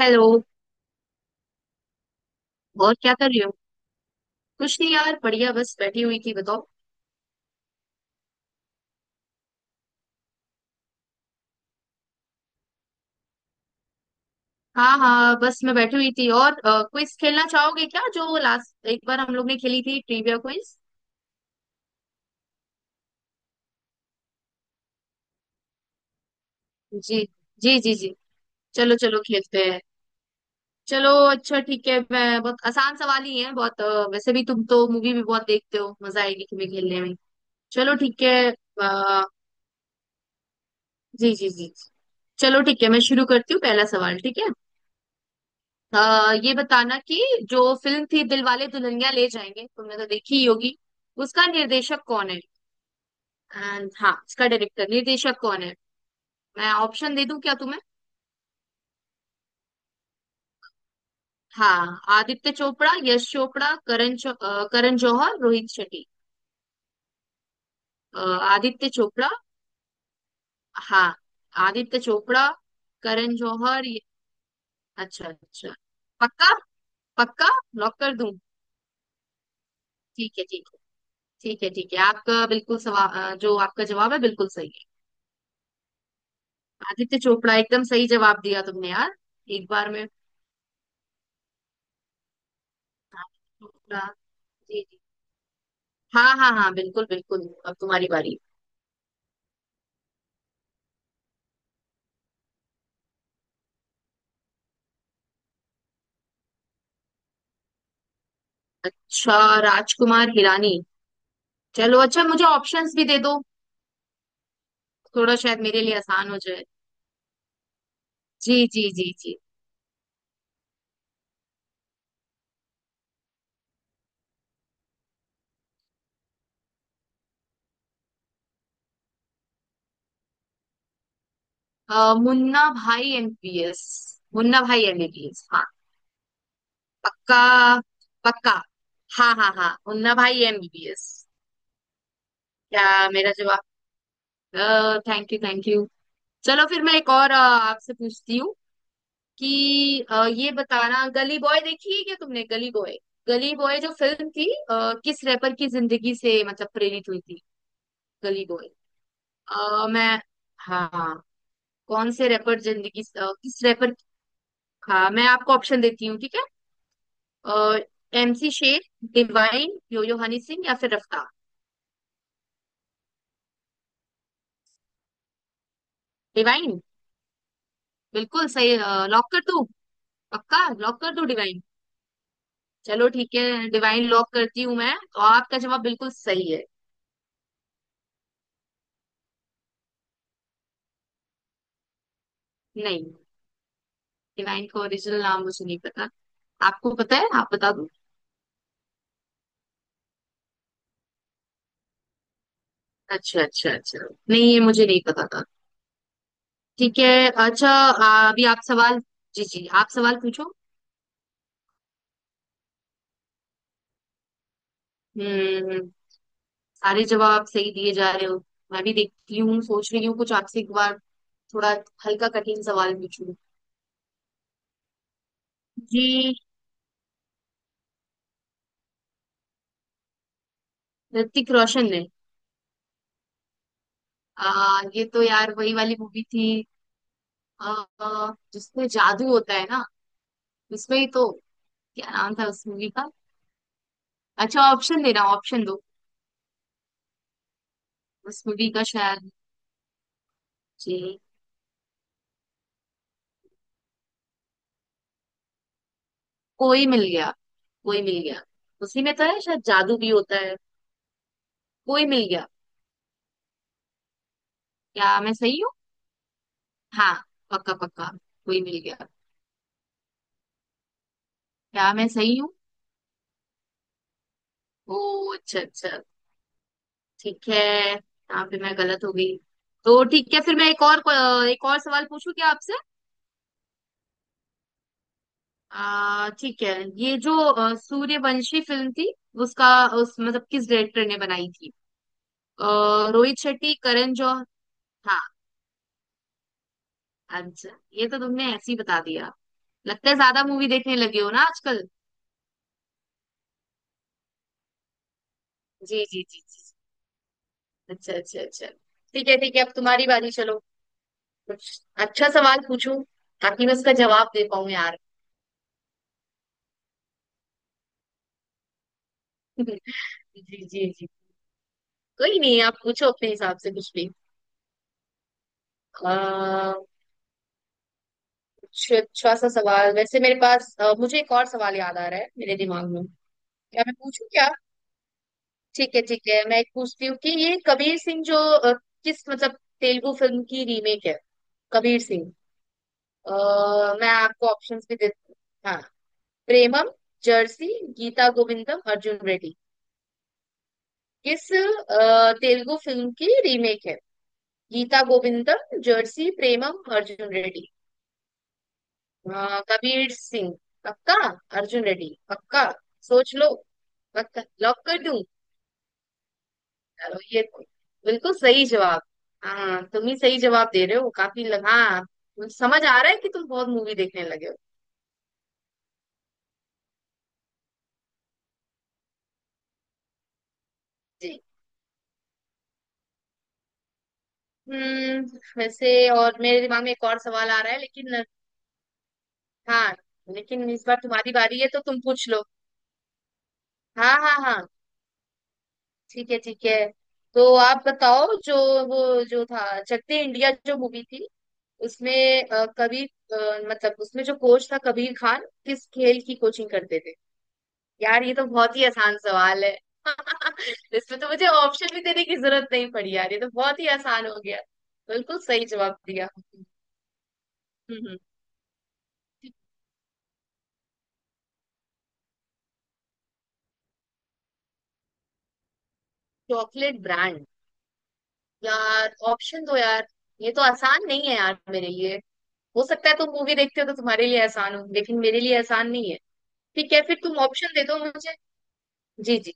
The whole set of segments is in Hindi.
हेलो। और क्या कर रही हो। कुछ नहीं यार, बढ़िया, बस बैठी हुई थी, बताओ। हाँ हाँ, बस मैं बैठी हुई थी। और क्विज खेलना चाहोगे क्या, जो लास्ट एक बार हम लोग ने खेली थी ट्रिविया क्विज। जी जी जी जी। चलो चलो खेलते हैं। चलो अच्छा ठीक है, मैं बहुत आसान सवाल ही है, बहुत वैसे भी तुम तो मूवी भी बहुत देखते हो, मजा आएगी तुम्हें खेलने में। चलो ठीक है। अ, जी जी जी। चलो ठीक है, मैं शुरू करती हूँ पहला सवाल, ठीक है। ये बताना कि जो फिल्म थी दिलवाले दुल्हनिया ले जाएंगे, तुमने तो देखी ही होगी, उसका निर्देशक कौन है। एंड हाँ, उसका डायरेक्टर निर्देशक कौन है। मैं ऑप्शन दे दूं क्या तुम्हें। हाँ, आदित्य चोपड़ा, यश चोपड़ा, करण जौहर, रोहित शेट्टी। अ, आदित्य चोपड़ा। हाँ, आदित्य चोपड़ा, करण जौहर, ये-। अच्छा अच्छा। पक्का। पक्का। लॉक कर दूं। ठीक है ठीक है। ठीक है ठीक है, आपका बिल्कुल सवा जो आपका जवाब है बिल्कुल सही है। आदित्य चोपड़ा, एकदम सही जवाब दिया तुमने यार, एक बार में। आदित्य चोपड़ा। जी जी। हाँ हाँ हाँ, बिल्कुल बिल्कुल, अब तुम्हारी बारी। अच्छा, राजकुमार हिरानी। चलो अच्छा, मुझे ऑप्शंस भी दे दो, थोड़ा शायद मेरे लिए आसान हो जाए। जी जी जी जी। मुन्ना भाई एमबीबीएस। मुन्ना भाई एमबीबीएस, हाँ। पक्का। पक्का। हाँ हाँ हाँ, मुन्ना भाई एमबीबीएस। क्या, मेरा जवाब। Thank you thank you. चलो फिर मैं एक और आपसे पूछती हूँ कि ये बताना, गली बॉय देखी है क्या तुमने, गली बॉय। गली बॉय जो फिल्म थी, किस रैपर की जिंदगी से मतलब प्रेरित हुई थी, गली बॉय। अ, मैं हाँ। कौन से रैपर जिंदगी से- अ, किस रैपर। हाँ, मैं आपको ऑप्शन देती हूँ, ठीक है। MC Sher, Divine, Yo Yo Honey Singh, या फिर रफ्तार। डिवाइन। बिल्कुल सही। लॉक कर दूँ। पक्का लॉक कर दूँ, डिवाइन। चलो ठीक है, डिवाइन लॉक करती हूँ मैं तो, आपका जवाब बिल्कुल सही है। नहीं, डिवाइन का ओरिजिनल नाम मुझे नहीं पता। आपको पता है, आप बता दो। अच्छा अच्छा अच्छा, नहीं ये मुझे नहीं पता था। ठीक है, अच्छा, अभी आप सवाल। जी जी, आप सवाल पूछो। हम्म। सारे जवाब सही दिए जा रहे हो। मैं भी देखती हूँ, सोच रही हूँ कुछ आपसे, एक बार थोड़ा हल्का कठिन सवाल पूछूं। जी, ऋतिक रोशन ने। ये तो यार वही वाली मूवी थी, आ, जिसमें जादू होता है ना, उसमें ही तो। क्या नाम था उस मूवी का। अच्छा, ऑप्शन देना, ऑप्शन दो। उस मूवी का शायद। जी। कोई मिल गया। कोई मिल गया, उसी में तो है शायद, जादू भी होता है। कोई मिल गया, क्या मैं सही हूँ। हाँ, पक्का पक्का, कोई मिल गया। क्या मैं सही हूँ। ओ, अच्छा अच्छा, ठीक है, यहाँ पे मैं गलत हो गई। तो ठीक है, फिर मैं एक और सवाल पूछूं क्या आपसे। आ, ठीक है, ये जो सूर्यवंशी फिल्म थी, उसका उस मतलब किस डायरेक्टर ने बनाई थी। रोहित शेट्टी, करण जौहर। हाँ। अच्छा, ये तो तुमने ऐसे ही बता दिया, लगता है ज्यादा मूवी देखने लगे हो ना आजकल। जी जी जी जी। अच्छा अच्छा अच्छा। ठीक है ठीक है, अब तुम्हारी बारी। चलो, कुछ अच्छा सवाल पूछो, ताकि मैं उसका जवाब दे पाऊं यार। जी जी जी, कोई नहीं, आप पूछो अपने हिसाब से कुछ भी। आ, कुछ अच्छा सा सवाल वैसे मेरे पास, मुझे एक और सवाल याद आ रहा है मेरे दिमाग में। क्या मैं पूछूं क्या। ठीक है ठीक है, मैं एक पूछती हूँ कि ये कबीर सिंह जो किस मतलब तेलुगु फिल्म की रीमेक है, कबीर सिंह। अ, मैं आपको ऑप्शंस भी दे, हाँ। प्रेमम, जर्सी, गीता गोविंदम, अर्जुन रेड्डी। किस तेलुगु फिल्म की रीमेक है। गीता गोविंदम, जर्सी, प्रेमम, अर्जुन रेड्डी। कबीर सिंह। पक्का, अर्जुन रेड्डी पक्का। सोच लो। पक्का लॉक कर दूं। चलो, ये तो बिल्कुल सही जवाब। हाँ, तुम ही सही जवाब दे रहे हो काफी, लगा हाँ मुझे समझ आ रहा है कि तुम बहुत मूवी देखने लगे हो। जी। हम्म, वैसे और मेरे दिमाग में एक और सवाल आ रहा है, लेकिन हाँ, लेकिन इस बार तुम्हारी बारी है तो तुम पूछ लो। हाँ हाँ हाँ, ठीक है ठीक है। तो आप बताओ जो वो जो था चकते इंडिया जो मूवी थी, उसमें कबीर, मतलब उसमें जो कोच था कबीर खान, किस खेल की कोचिंग करते थे। यार ये तो बहुत ही आसान सवाल है। इसमें तो मुझे ऑप्शन भी देने की जरूरत नहीं पड़ी यार, ये तो बहुत ही आसान हो गया। बिल्कुल सही जवाब दिया, हम्म। हम्म, हम्म। चॉकलेट ब्रांड, यार ऑप्शन दो यार, ये तो आसान नहीं है यार मेरे लिए। हो सकता है तुम मूवी देखते हो तो तुम्हारे लिए आसान हो, लेकिन मेरे लिए आसान नहीं है। ठीक है, फिर तुम ऑप्शन दे दो मुझे। जी जी।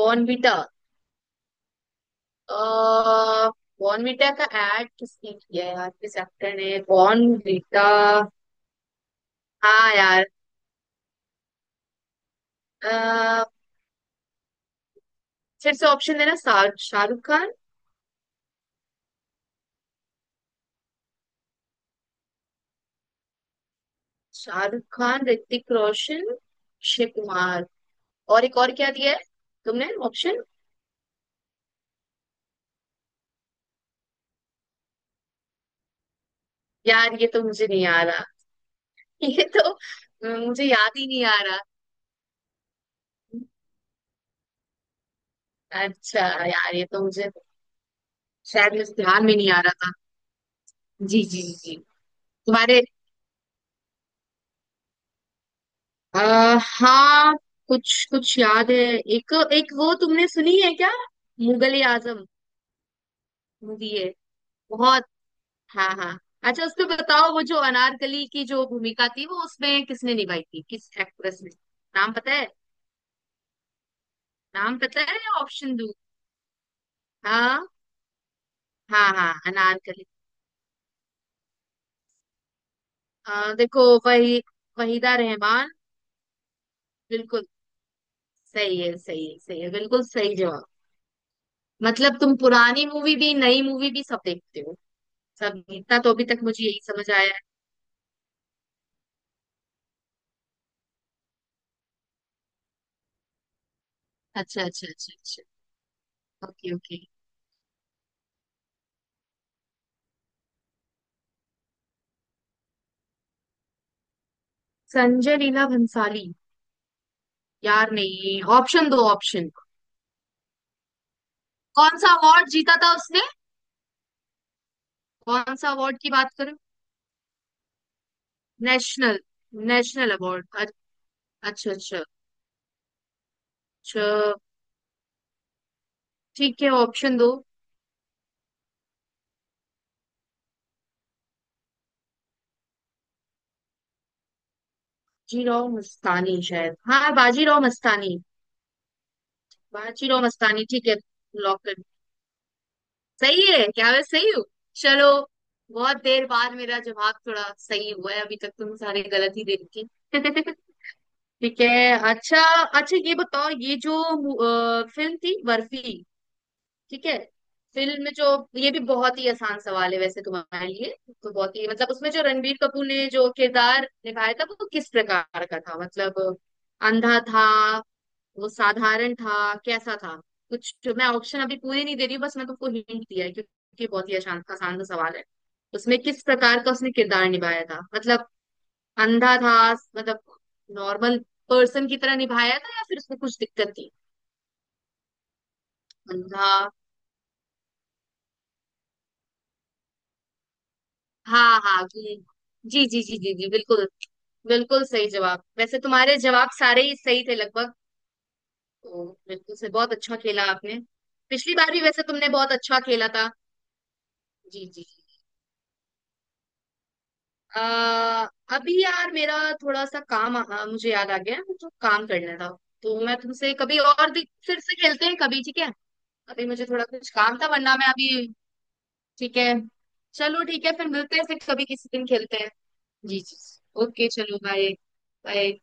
बॉर्नवीटा, अह, बॉर्नवीटा का एड किसने किया है यार, किस एक्टर ने बॉर्नवीटा। हाँ यार, अह, फिर से ऑप्शन देना, शाहरुख खान। शाहरुख खान, ऋतिक रोशन, अक्षय कुमार, और एक और क्या दिया है तुमने ऑप्शन। यार ये तो मुझे नहीं आ रहा। ये तो मुझे याद ही नहीं आ रहा। अच्छा, यार ये तो मुझे, शायद मुझे ध्यान में नहीं आ रहा था। जी जी जी जी। तुम्हारे हाँ, कुछ कुछ याद है एक एक, वो तुमने सुनी है क्या, मुगले आजम मूवी है बहुत। हाँ हाँ। अच्छा, उसमें बताओ वो जो अनारकली की जो भूमिका थी, वो उसमें किसने निभाई थी, किस एक्ट्रेस ने। नाम पता है, नाम पता है या ऑप्शन दो। हाँ हाँ हाँ, अनारकली। देखो वही, वहीदा रहमान। बिल्कुल सही है, सही है सही है, बिल्कुल सही जवाब। मतलब तुम पुरानी मूवी भी नई मूवी भी सब देखते हो, सब, इतना तो अभी तक मुझे यही समझ आया है। अच्छा अच्छा अच्छा अच्छा। Okay okay, Sanjay Leela Bhansali. यार नहीं, ऑप्शन दो ऑप्शन। कौन सा अवार्ड जीता था उसने। कौन सा अवार्ड की बात करें। National, national award. अच्छा अच्छा अच्छा। ठीक है, ऑप्शन दो। बाजीराव मस्तानी शायद, हाँ बाजीराव मस्तानी। बाजीराव मस्तानी, ठीक है, लॉक कर। सही है, क्या मैं सही हूँ। चलो, बहुत देर बाद मेरा जवाब थोड़ा सही हुआ है, अभी तक तुम सारे गलत ही दे रखे। ठीक है, अच्छा अच्छा, ये बताओ, ये जो फिल्म थी बर्फी, ठीक है, फिल्म में जो, ये भी बहुत ही आसान सवाल है वैसे तुम्हारे लिए, तो बहुत ही मतलब उसमें जो रणबीर कपूर ने जो किरदार निभाया था वो किस प्रकार का था, मतलब अंधा था, वो साधारण था, कैसा था, कुछ, मैं ऑप्शन अभी पूरे नहीं दे रही हूँ, बस मैं तुमको हिंट दिया है, क्योंकि बहुत ही आसान आसान सा सवाल है। उसमें किस प्रकार का उसने किरदार निभाया था, मतलब अंधा था, मतलब नॉर्मल पर्सन की तरह निभाया था, या फिर उसमें कुछ दिक्कत थी। अंधा। हाँ हाँ, जी जी जी जी जी जी, बिल्कुल बिल्कुल सही जवाब, वैसे तुम्हारे जवाब सारे ही सही थे लगभग, तो बिल्कुल से बहुत अच्छा खेला आपने, पिछली बार भी वैसे तुमने बहुत अच्छा खेला था। जी जी। आ, अभी यार मेरा थोड़ा सा काम, मुझे याद आ गया है मुझे काम करना था, तो मैं तुमसे कभी और दिन फिर से खेलते हैं कभी, ठीक है। अभी मुझे थोड़ा कुछ काम था, वरना मैं अभी, ठीक है। चलो ठीक है, फिर मिलते हैं, फिर कभी किसी दिन खेलते हैं। जी जी, ओके, चलो बाय। बाय।